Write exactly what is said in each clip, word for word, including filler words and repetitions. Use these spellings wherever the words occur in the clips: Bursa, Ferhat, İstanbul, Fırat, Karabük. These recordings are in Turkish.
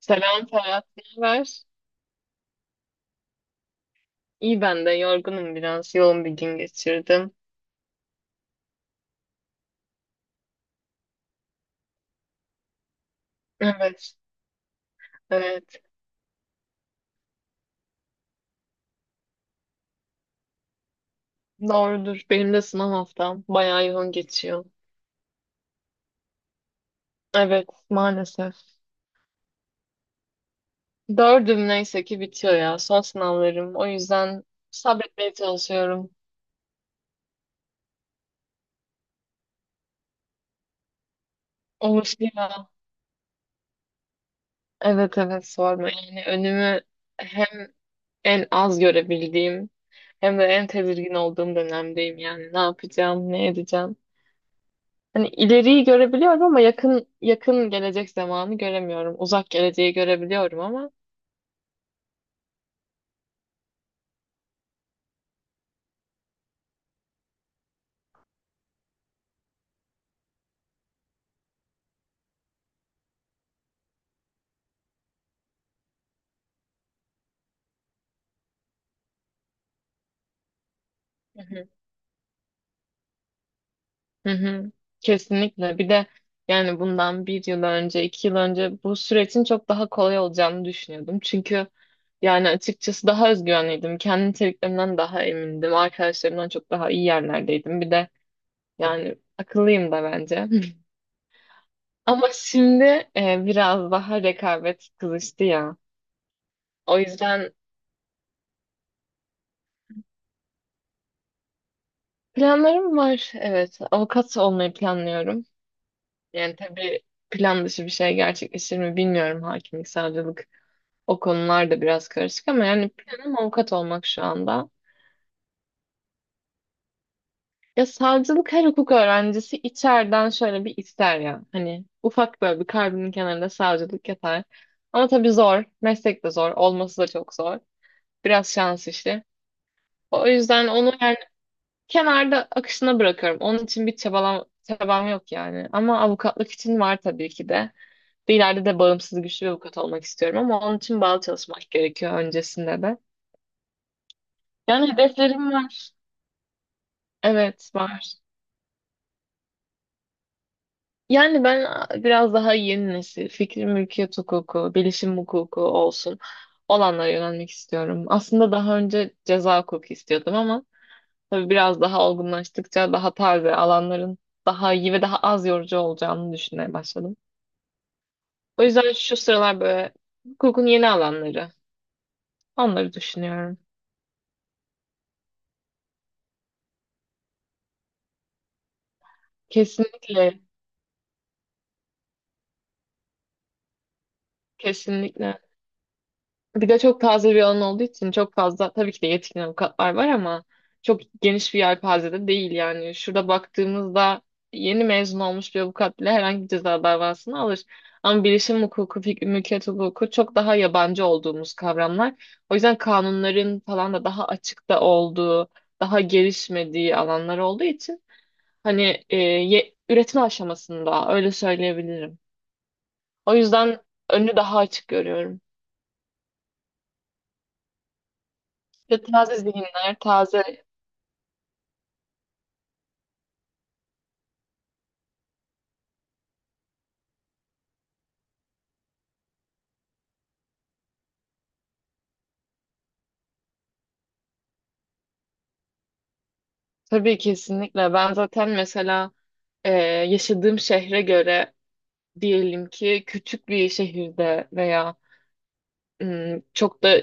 Selam Ferhat, ne haber? İyi ben de yorgunum biraz. Yoğun bir gün geçirdim. Evet, evet. Doğrudur. Benim de sınav haftam bayağı yoğun geçiyor. Evet, maalesef. Dördüm neyse ki bitiyor ya. Son sınavlarım. O yüzden sabretmeye çalışıyorum. Olur ya. Evet evet sorma. Yani önümü hem en az görebildiğim hem de en tedirgin olduğum dönemdeyim yani. Ne yapacağım, ne edeceğim. Hani ileriyi görebiliyorum ama yakın yakın gelecek zamanı göremiyorum. Uzak geleceği görebiliyorum ama hı hı. Hı hı. Kesinlikle. Bir de yani bundan bir yıl önce, iki yıl önce bu sürecin çok daha kolay olacağını düşünüyordum. Çünkü yani açıkçası daha özgüvenliydim. Kendi niteliklerimden daha emindim. Arkadaşlarımdan çok daha iyi yerlerdeydim. Bir de yani akıllıyım da bence. Ama şimdi e, biraz daha rekabet kızıştı ya. O yüzden planlarım var. Evet. Avukat olmayı planlıyorum. Yani tabii plan dışı bir şey gerçekleşir mi bilmiyorum. Hakimlik, savcılık o konular da biraz karışık ama yani planım avukat olmak şu anda. Ya savcılık her hukuk öğrencisi içeriden şöyle bir ister ya. Hani ufak böyle bir kalbinin kenarında savcılık yatar. Ama tabii zor. Meslek de zor. Olması da çok zor. Biraz şans işi. O yüzden onu kenarda akışına bırakıyorum. Onun için bir çabalam, çabam yok yani. Ama avukatlık için var tabii ki de. Bir ileride de bağımsız güçlü bir avukat olmak istiyorum ama onun için bağlı çalışmak gerekiyor öncesinde de. Yani hedeflerim var. Evet var. Yani ben biraz daha yeni nesil, fikri mülkiyet hukuku, bilişim hukuku olsun olanlara yönelmek istiyorum. Aslında daha önce ceza hukuku istiyordum ama tabii biraz daha olgunlaştıkça daha taze alanların daha iyi ve daha az yorucu olacağını düşünmeye başladım. O yüzden şu sıralar böyle hukukun yeni alanları. Onları düşünüyorum. Kesinlikle, kesinlikle. Bir de çok taze bir alan olduğu için çok fazla tabii ki de yetkin avukatlar var ama çok geniş bir yelpazede değil yani. Şurada baktığımızda yeni mezun olmuş bir avukat bile herhangi bir ceza davasını alır. Ama bilişim hukuku, fik- mülkiyet hukuku çok daha yabancı olduğumuz kavramlar. O yüzden kanunların falan da daha açıkta olduğu, daha gelişmediği alanlar olduğu için hani e, ye- üretim aşamasında öyle söyleyebilirim. O yüzden önü daha açık görüyorum. Ve taze zihinler, taze tabii kesinlikle. Ben zaten mesela e, yaşadığım şehre göre diyelim ki küçük bir şehirde veya ım, çok da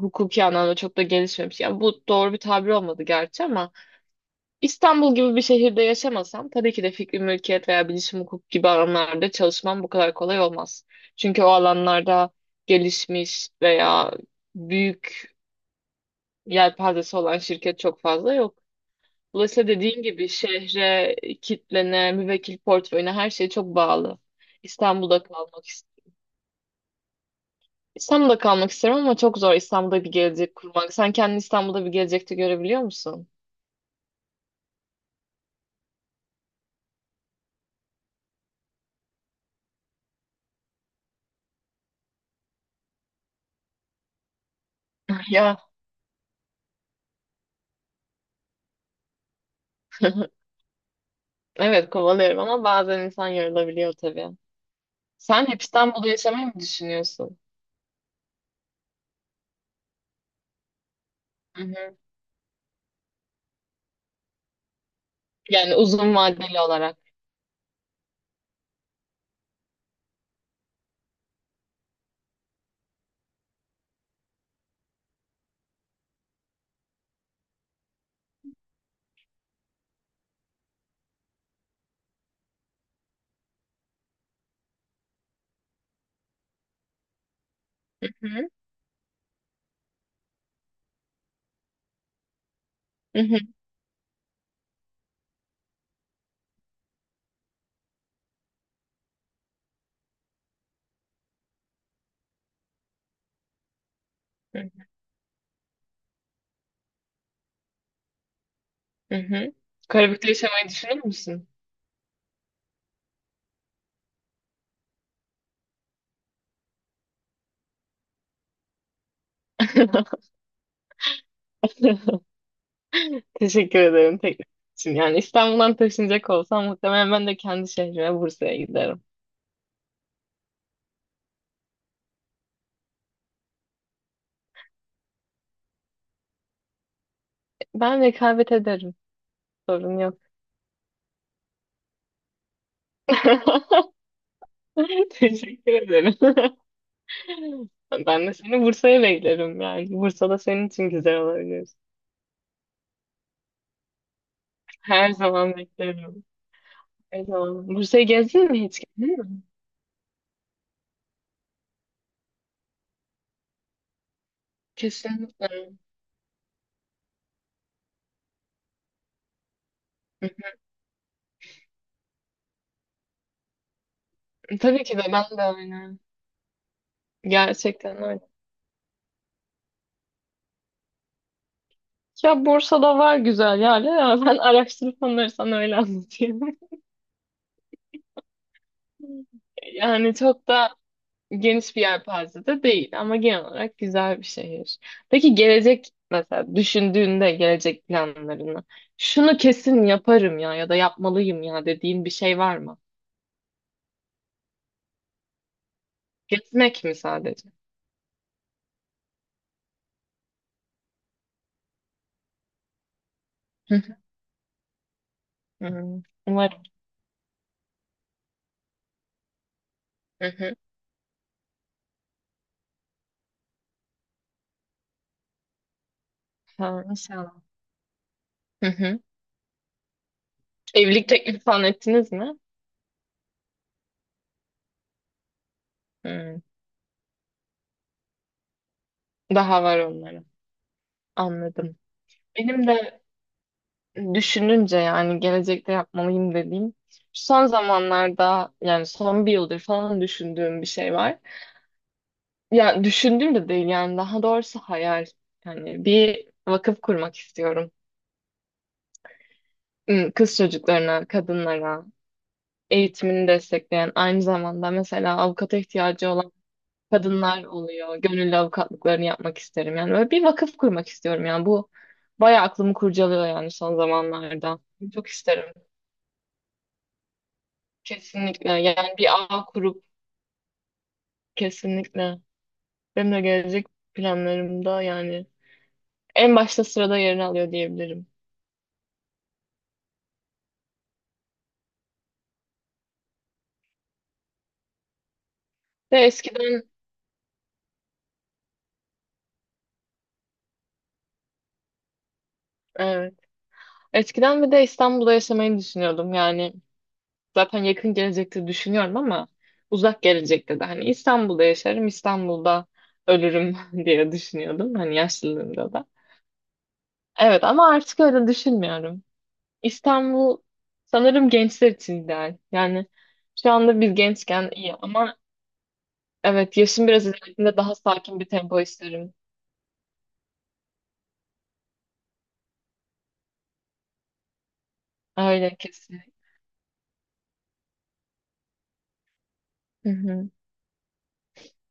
hukuki anlamda çok da gelişmemiş. Yani bu doğru bir tabir olmadı gerçi ama İstanbul gibi bir şehirde yaşamasam tabii ki de fikri mülkiyet veya bilişim hukuk gibi alanlarda çalışmam bu kadar kolay olmaz. Çünkü o alanlarda gelişmiş veya büyük yelpazesi olan şirket çok fazla yok. Dolayısıyla dediğin gibi şehre, kitlene, müvekkil portföyüne her şey çok bağlı. İstanbul'da kalmak istiyorum. İstanbul'da kalmak isterim ama çok zor İstanbul'da bir gelecek kurmak. Sen kendini İstanbul'da bir gelecekte görebiliyor musun? Ya evet kovalıyorum ama bazen insan yorulabiliyor tabii. Sen hep İstanbul'da yaşamayı mı düşünüyorsun? Hı hı. Yani uzun vadeli olarak. Hı hı. Hı hı. Hı hı. Karabük'te yaşamayı düşünür müsün? Teşekkür ederim teklif için. Yani İstanbul'dan taşınacak olsam muhtemelen ben de kendi şehrime Bursa'ya giderim. Ben rekabet ederim. Sorun yok. Teşekkür ederim. Ben de seni Bursa'ya beklerim yani. Bursa'da senin için güzel olabilir. Her zaman beklerim. Her zaman. Bursa'yı gezdin mi hiç? Hı? Kesinlikle. Hı hı. Tabii ki de ben de aynı. Gerçekten öyle. Ya Bursa'da var güzel yerler ama ben araştırıp onları sana öyle anlatayım. Yani çok da geniş bir yelpaze de değil ama genel olarak güzel bir şehir. Peki gelecek mesela düşündüğünde gelecek planlarını şunu kesin yaparım ya ya da yapmalıyım ya dediğin bir şey var mı? Gezmek mi sadece? Hı hı. Hmm, umarım. Hı hı. Ha, inşallah. Hı hı. Evlilik teklifi falan ettiniz mi? Hmm, daha var onların anladım. Benim de düşününce yani gelecekte yapmalıyım dediğim son zamanlarda yani son bir yıldır falan düşündüğüm bir şey var. Ya düşündüğüm de değil yani daha doğrusu hayal. Yani bir vakıf kurmak istiyorum. Hmm, kız çocuklarına, kadınlara, eğitimini destekleyen aynı zamanda mesela avukata ihtiyacı olan kadınlar oluyor. Gönüllü avukatlıklarını yapmak isterim. Yani böyle bir vakıf kurmak istiyorum. Yani bu bayağı aklımı kurcalıyor yani son zamanlarda. Çok isterim. Kesinlikle. Yani bir ağ kurup kesinlikle benim de gelecek planlarımda yani en başta sırada yerini alıyor diyebilirim. Ve eskiden evet, eskiden bir de İstanbul'da yaşamayı düşünüyordum. Yani zaten yakın gelecekte düşünüyorum ama uzak gelecekte de hani İstanbul'da yaşarım, İstanbul'da ölürüm diye düşünüyordum hani yaşlılığımda da. Evet ama artık öyle düşünmüyorum. İstanbul sanırım gençler için ideal. Yani şu anda biz gençken iyi ama evet yaşım biraz ilerlediğinde daha sakin bir tempo isterim. Öyle kesin. Hı hı.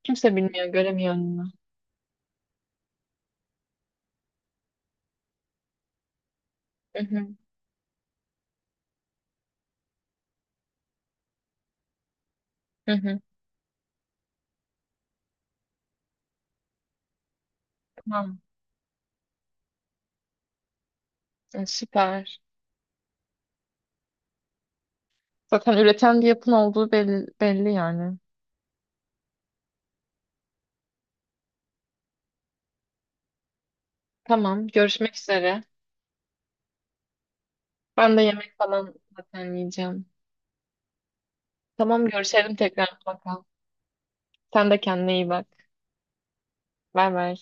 Kimse bilmiyor, göremiyor önünü. Hı hı. Hı hı. Tamam. E, Süper. Zaten üreten bir yapın olduğu belli, belli yani. Tamam, görüşmek üzere. Ben de yemek falan zaten yiyeceğim. Tamam, görüşelim tekrar mutlaka. Sen de kendine iyi bak. Bay bay.